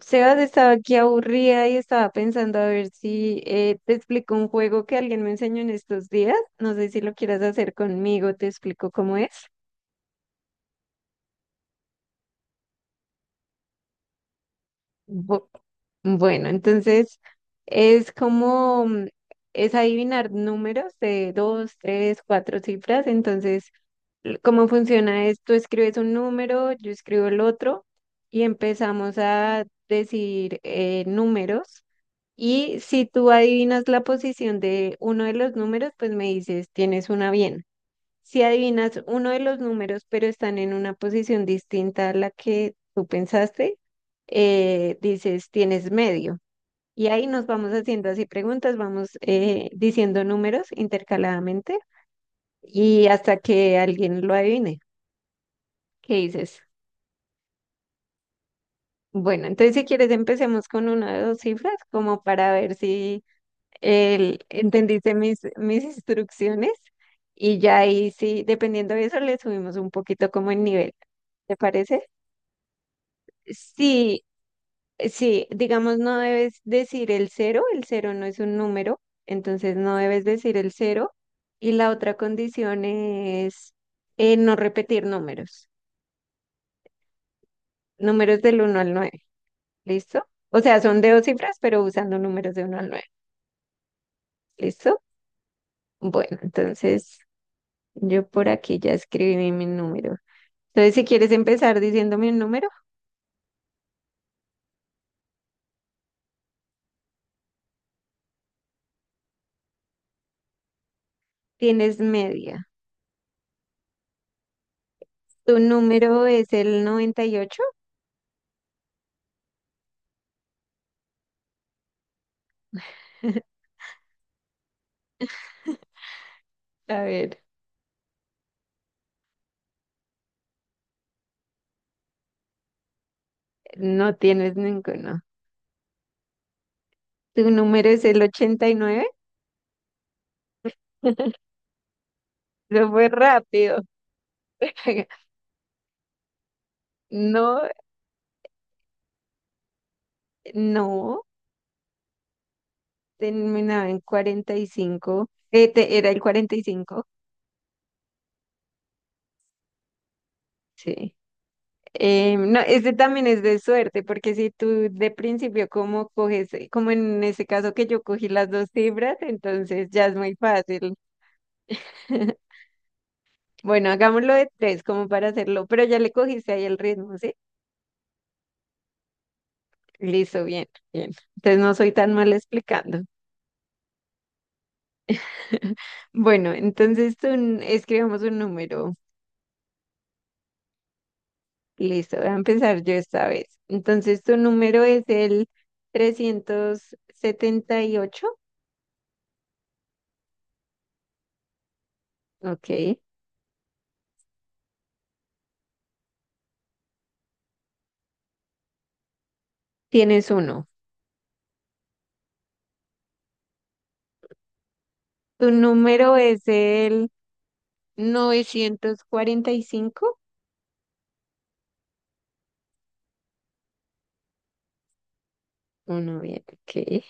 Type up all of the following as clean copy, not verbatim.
Sebas estaba aquí aburrida y estaba pensando a ver si te explico un juego que alguien me enseñó en estos días. No sé si lo quieras hacer conmigo, te explico cómo es. Bu- bueno, entonces es como, es adivinar números de dos, tres, cuatro cifras. Entonces, ¿cómo funciona esto? Escribes un número, yo escribo el otro y empezamos a decir números. Y si tú adivinas la posición de uno de los números, pues me dices, tienes una bien. Si adivinas uno de los números, pero están en una posición distinta a la que tú pensaste, dices, tienes medio. Y ahí nos vamos haciendo así preguntas, vamos diciendo números intercaladamente y hasta que alguien lo adivine. ¿Qué dices? Bueno, entonces si quieres empecemos con una de dos cifras como para ver si entendiste mis instrucciones y ya ahí sí, dependiendo de eso, le subimos un poquito como el nivel. ¿Te parece? Sí, sí, digamos, no debes decir el cero no es un número, entonces no debes decir el cero. Y la otra condición es no repetir números, números del uno al nueve. ¿Listo? O sea, son de dos cifras, pero usando números de uno al nueve. ¿Listo? Bueno, entonces yo por aquí ya escribí mi número. Entonces, si quieres empezar diciéndome un número, tienes media. Tu número es el 98. A ver, no tienes ninguno. Tu número es el 89. Lo fue rápido. No, no, terminaba en 45. ¿Era el 45? Sí. No, este también es de suerte, porque si tú de principio como coges, como en ese caso que yo cogí las dos cifras, entonces ya es muy fácil. Bueno, hagámoslo de tres como para hacerlo, pero ya le cogiste ahí el ritmo, ¿sí? Listo, bien, bien. Entonces no soy tan mal explicando. Bueno, entonces tú escribamos un número. Listo, voy a empezar yo esta vez. Entonces tu número es el 378. Ok, tienes uno. Tu número es el 945. Uno, bien, ok.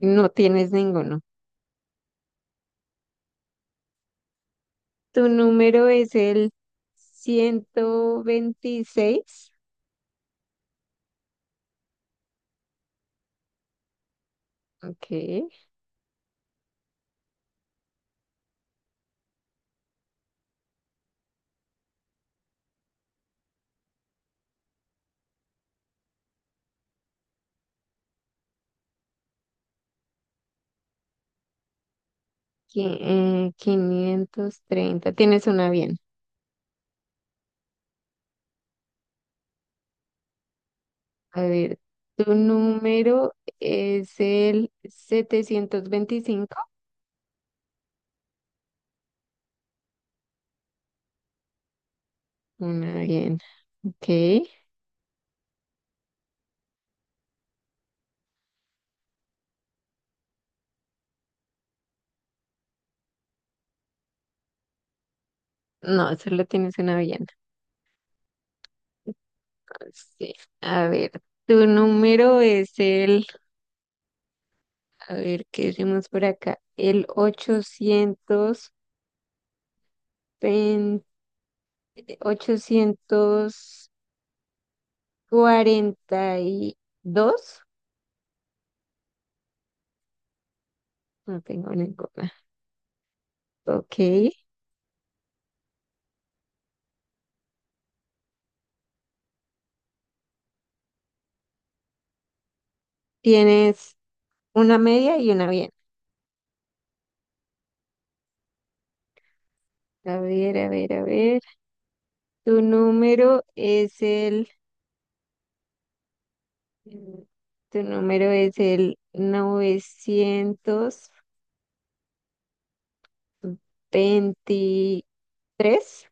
No tienes ninguno. Tu número es el 126. Ok. 530. Tienes una bien. A ver, tu número es el 725. Una bien. Ok. No, solo tienes una bien. Ah, sí. A ver, tu número es el... A ver, ¿qué decimos por acá? El ochocientos pen- 842. No tengo ninguna. Ok. Tienes una media y una bien. A ver, a ver, a ver. Tu número es el... Tu número es el 923.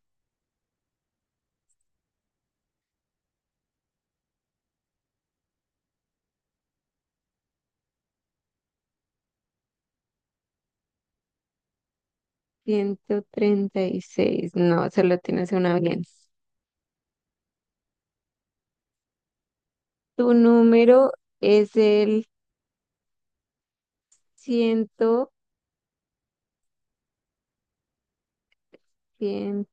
136. No, solo tienes una bien. Tu número es el ciento, ciento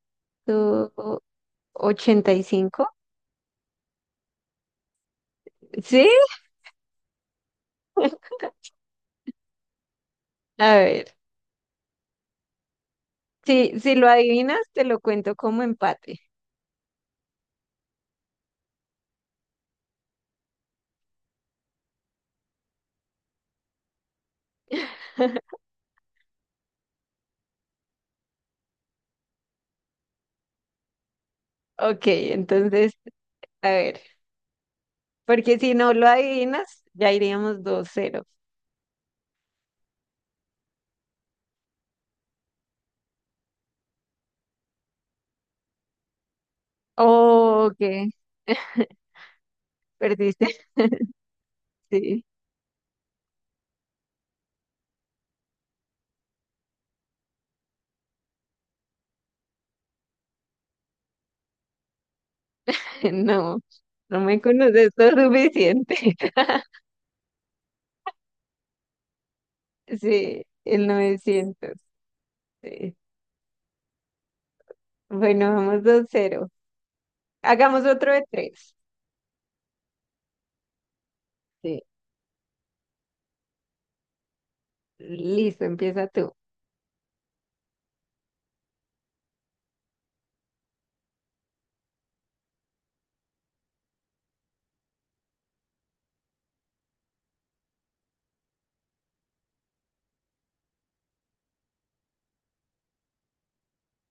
ochenta y cinco. ¿Sí? A ver. Si, si lo adivinas, te lo cuento como empate. Ok, entonces, a ver. Porque si no lo adivinas, ya iríamos 2-0. Oh, ok. Perdiste. Sí. No, no me conoces lo suficiente. Sí, el 900. Sí. Bueno, vamos 2-0. Hagamos otro de tres. Sí. Listo, empieza tú.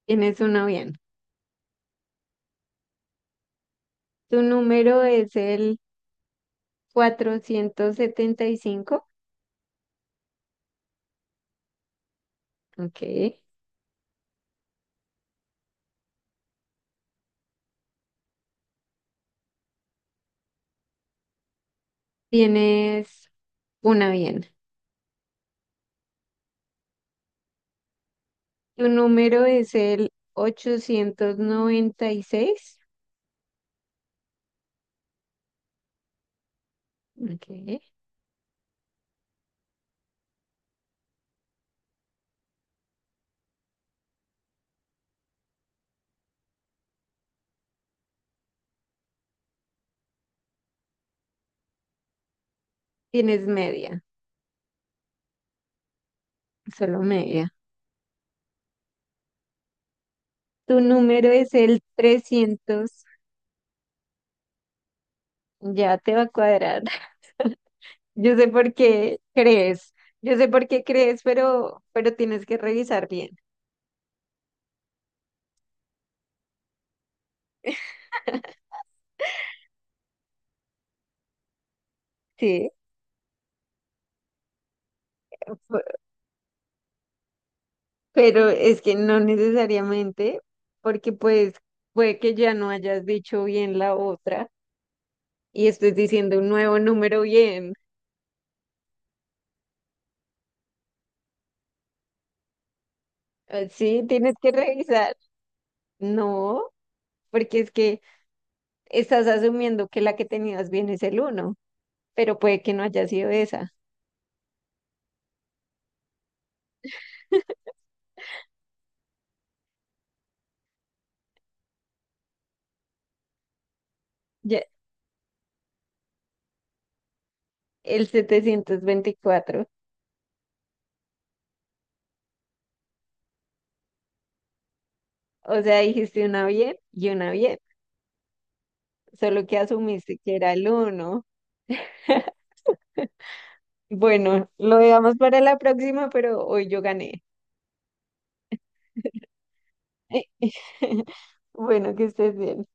Tienes uno bien. Tu número es el 475. Ok. Tienes una bien. Tu número es el 896. Ok. Tienes media, solo media. Tu número es el trescientos. Ya te va a cuadrar. Yo sé por qué crees. Yo sé por qué crees, pero tienes que revisar bien. Sí. Pero es que no necesariamente, porque pues puede que ya no hayas dicho bien la otra y estés diciendo un nuevo número bien. Sí, tienes que revisar. No, porque es que estás asumiendo que la que tenías bien es el uno, pero puede que no haya sido esa. Ya, el 724. O sea, dijiste una bien y una bien, solo que asumiste que era el uno. Bueno, lo dejamos para la próxima, pero hoy yo gané. Bueno, que estés bien.